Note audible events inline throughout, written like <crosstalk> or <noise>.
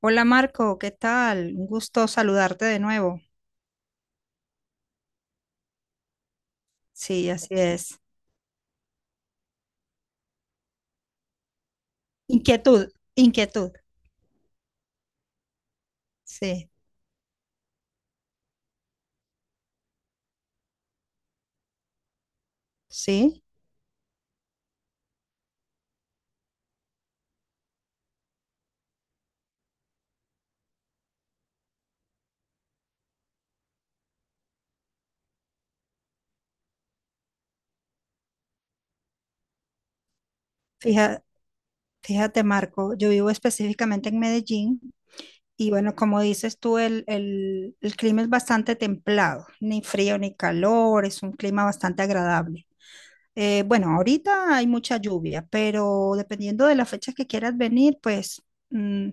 Hola Marco, ¿qué tal? Un gusto saludarte de nuevo. Sí, así es. Inquietud, inquietud. Sí, sí. Fija- Fíjate Marco, yo vivo específicamente en Medellín y bueno, como dices tú, el clima es bastante templado, ni frío ni calor, es un clima bastante agradable. Bueno, ahorita hay mucha lluvia, pero dependiendo de la fecha que quieras venir, pues mm,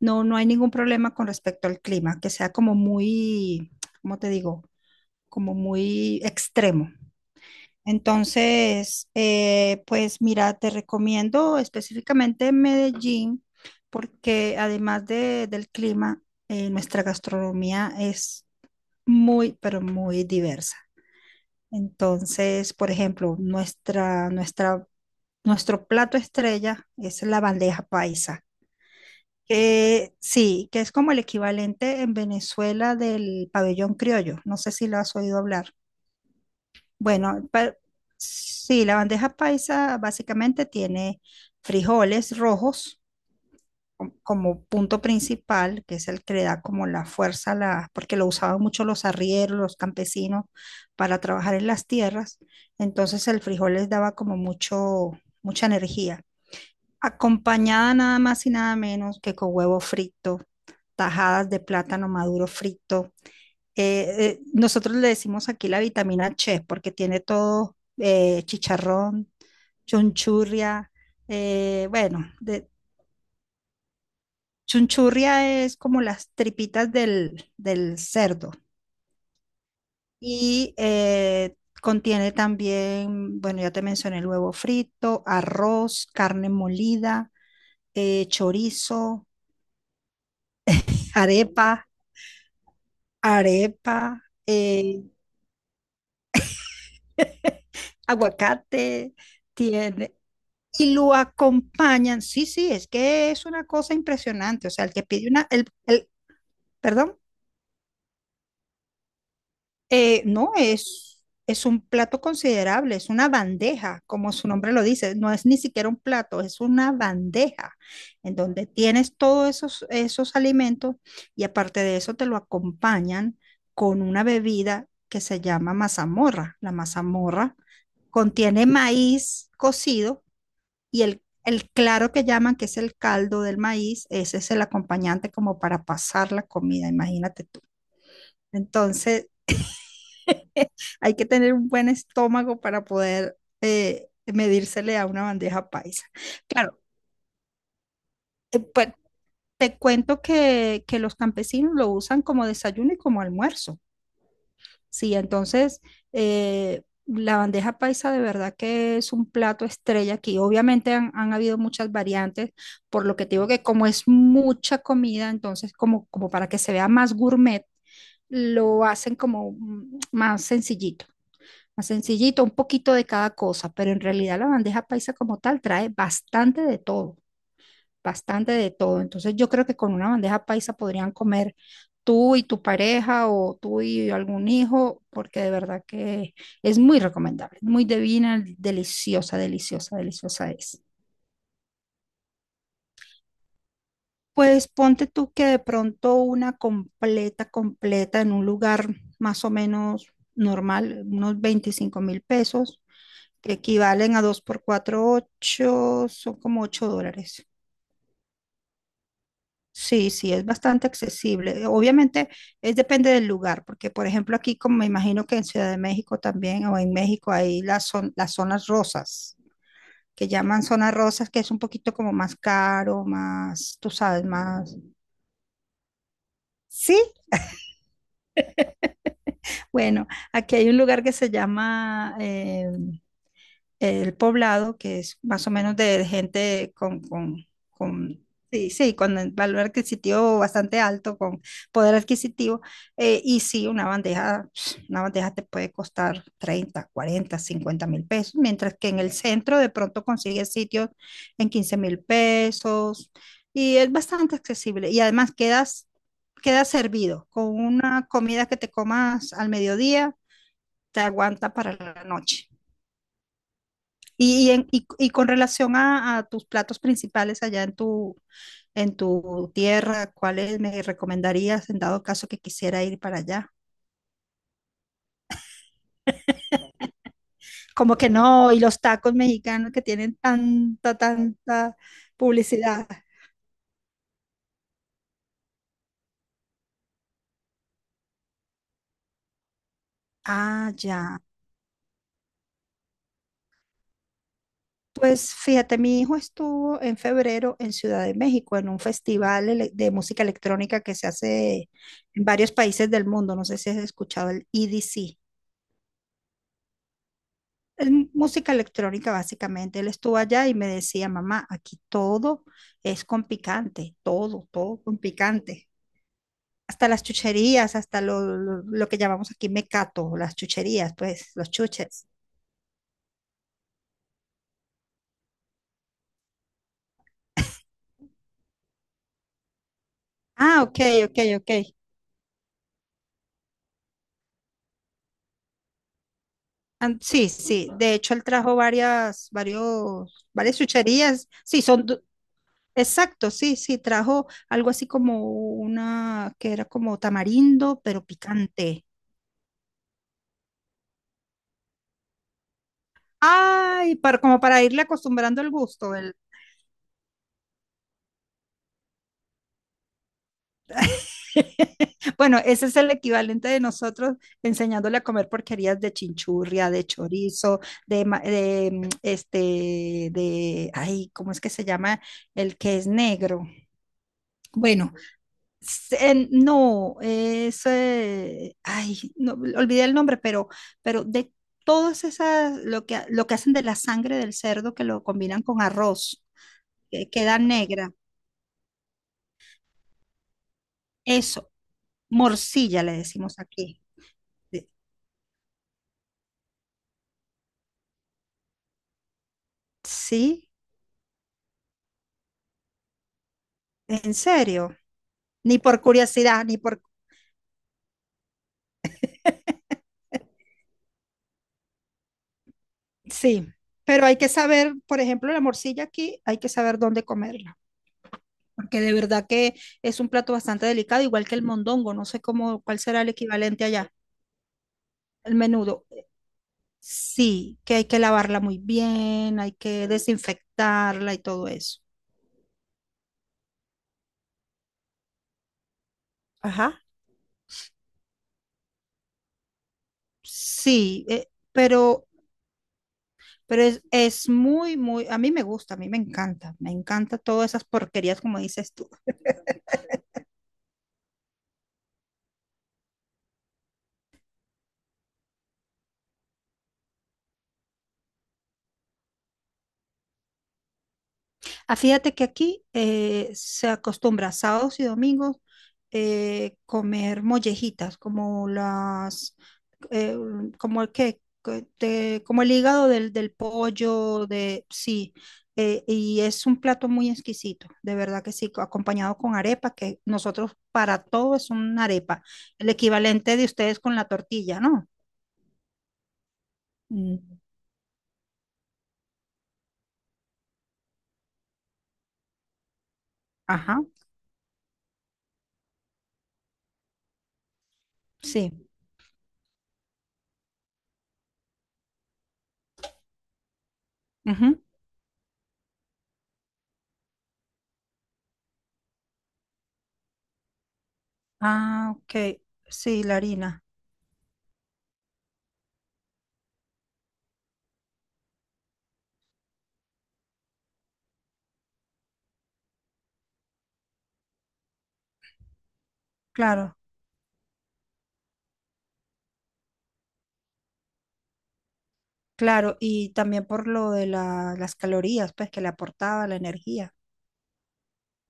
no hay ningún problema con respecto al clima, que sea como muy, ¿cómo te digo? Como muy extremo. Entonces, pues mira, te recomiendo específicamente Medellín, porque además del clima, nuestra gastronomía es muy, pero muy diversa. Entonces, por ejemplo, nuestra, nuestra nuestro plato estrella es la bandeja paisa, que sí, que es como el equivalente en Venezuela del pabellón criollo. No sé si lo has oído hablar. Bueno, sí, la bandeja paisa básicamente tiene frijoles rojos como punto principal, que es el que le da como la fuerza, a la, porque lo usaban mucho los arrieros, los campesinos, para trabajar en las tierras. Entonces el frijol les daba como mucho, mucha energía. Acompañada nada más y nada menos que con huevo frito, tajadas de plátano maduro frito. Nosotros le decimos aquí la vitamina Che porque tiene todo chicharrón, chunchurria, bueno, chunchurria es como las tripitas del cerdo y contiene también, bueno, ya te mencioné el huevo frito, arroz, carne molida, chorizo, arepa. arepa, <laughs> aguacate, tiene, y lo acompañan. Sí, sí, es que es una cosa impresionante. O sea, el que pide una, perdón, no, es un plato considerable, es una bandeja, como su nombre lo dice, no es ni siquiera un plato, es una bandeja en donde tienes todos esos alimentos y aparte de eso te lo acompañan con una bebida que se llama mazamorra. La mazamorra contiene maíz cocido y el claro que llaman, que es el caldo del maíz, ese es el acompañante como para pasar la comida, imagínate tú. Entonces, <laughs> hay que tener un buen estómago para poder medírsele a una bandeja paisa. Claro, pues te cuento que los campesinos lo usan como desayuno y como almuerzo. Sí, entonces la bandeja paisa de verdad que es un plato estrella aquí. Obviamente han habido muchas variantes, por lo que te digo que como es mucha comida, entonces como para que se vea más gourmet, lo hacen como más sencillito. Más sencillito, un poquito de cada cosa, pero en realidad la bandeja paisa como tal trae bastante de todo, bastante de todo. Entonces yo creo que con una bandeja paisa podrían comer tú y tu pareja o tú y algún hijo, porque de verdad que es muy recomendable, muy divina, deliciosa, deliciosa, deliciosa es. Pues ponte tú que de pronto una completa, completa en un lugar más o menos normal, unos 25.000 pesos, que equivalen a 2 por 4 8 son como $8. Sí, sí, es bastante accesible. Obviamente es depende del lugar, porque por ejemplo aquí, como me imagino que en Ciudad de México también o en México hay las zonas rosas, que llaman zonas rosas, que es un poquito como más caro, más, tú sabes, más... Sí, bueno, aquí hay un lugar que se llama El Poblado, que es más o menos de gente con, sí, sí, con el valor adquisitivo bastante alto, con poder adquisitivo. Y sí, una bandeja, <sniffs> una bandeja te puede costar 30, 40, 50.000 pesos, mientras que en el centro de pronto consigues sitios en 15.000 pesos. Y es bastante accesible. Y además quedas servido con una comida que te comas al mediodía te aguanta para la noche. Y con relación a tus platos principales allá en tu tierra, ¿cuáles me recomendarías en dado caso que quisiera ir para allá? Como que no, y los tacos mexicanos que tienen tanta, tanta publicidad. Ah, ya. Pues fíjate, mi hijo estuvo en febrero en Ciudad de México en un festival de música electrónica que se hace en varios países del mundo. No sé si has escuchado el EDC. Es música electrónica básicamente. Él estuvo allá y me decía, mamá, aquí todo es con picante, todo, todo con picante. Hasta las chucherías, hasta lo que llamamos aquí mecato, las chucherías, pues, los chuches. Ah, ok, ok, ok. Sí, sí. De hecho, él trajo varias, varios, varias chucherías. Sí, son, exacto, sí, sí. Trajo algo así como una que era como tamarindo, pero picante. Ay, para, como para irle acostumbrando el gusto. <laughs> Bueno, ese es el equivalente de nosotros enseñándole a comer porquerías de chinchurria, de chorizo, de, de este, de, ay, ¿cómo es que se llama? El que es negro. Bueno, no, ay, no, olvidé el nombre, pero de todas esas, lo que hacen de la sangre del cerdo que lo combinan con arroz, que queda negra. Eso, morcilla le decimos aquí. De- Sí, en serio. Ni por curiosidad, ni por... <laughs> Sí, pero hay que saber, por ejemplo, la morcilla aquí, hay que saber dónde comerla, porque de verdad que es un plato bastante delicado, igual que el mondongo, no sé cómo, cuál será el equivalente allá, el menudo. Sí, que hay que lavarla muy bien, hay que desinfectarla y todo eso. Ajá. Sí, Pero es muy, muy, a mí me gusta, a mí me encanta todas esas porquerías como dices tú. Ah, fíjate que aquí se acostumbra sábados y domingos comer mollejitas, como las, eh, como el que, como el hígado del pollo, de, sí, y es un plato muy exquisito, de verdad que sí, acompañado con arepa, que nosotros para todo es una arepa, el equivalente de ustedes con la tortilla, ¿no? Mm. Ajá. Sí. Ujú. Ah, ok. Sí, la harina. Claro, claro. Y también por lo de las calorías, pues que le aportaba la energía.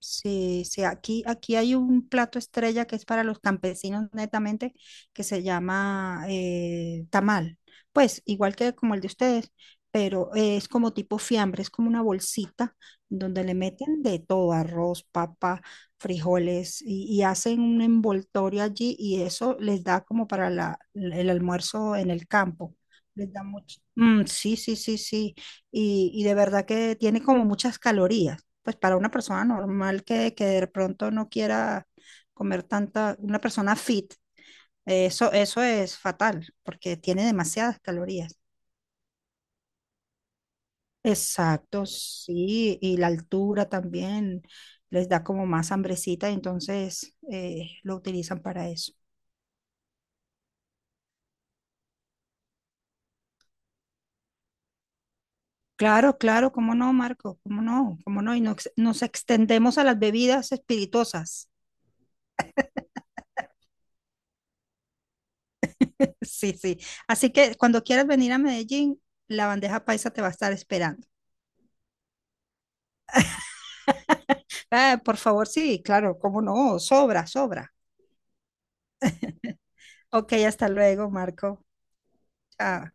Sí, sí, aquí hay un plato estrella que es para los campesinos netamente, que se llama tamal. Pues igual que como el de ustedes, pero es como tipo fiambre, es como una bolsita donde le meten de todo, arroz, papa, frijoles, y hacen un envoltorio allí y eso les da como para el almuerzo en el campo. Les da mucho. Mm, sí, sí, sí, sí. Y de verdad que tiene como muchas calorías pues para una persona normal que de pronto no quiera comer tanta, una persona fit, eso es fatal porque tiene demasiadas calorías. Exacto, sí, y la altura también les da como más hambrecita, entonces lo utilizan para eso. Claro, claro, cómo no, Marco, cómo no, y nos extendemos a las bebidas espirituosas. <laughs> Sí, sí. Así que cuando quieras venir a Medellín, la bandeja paisa te va a estar esperando. Ah, por favor, sí, claro, cómo no, sobra, sobra. Ok, hasta luego, Marco. Chao.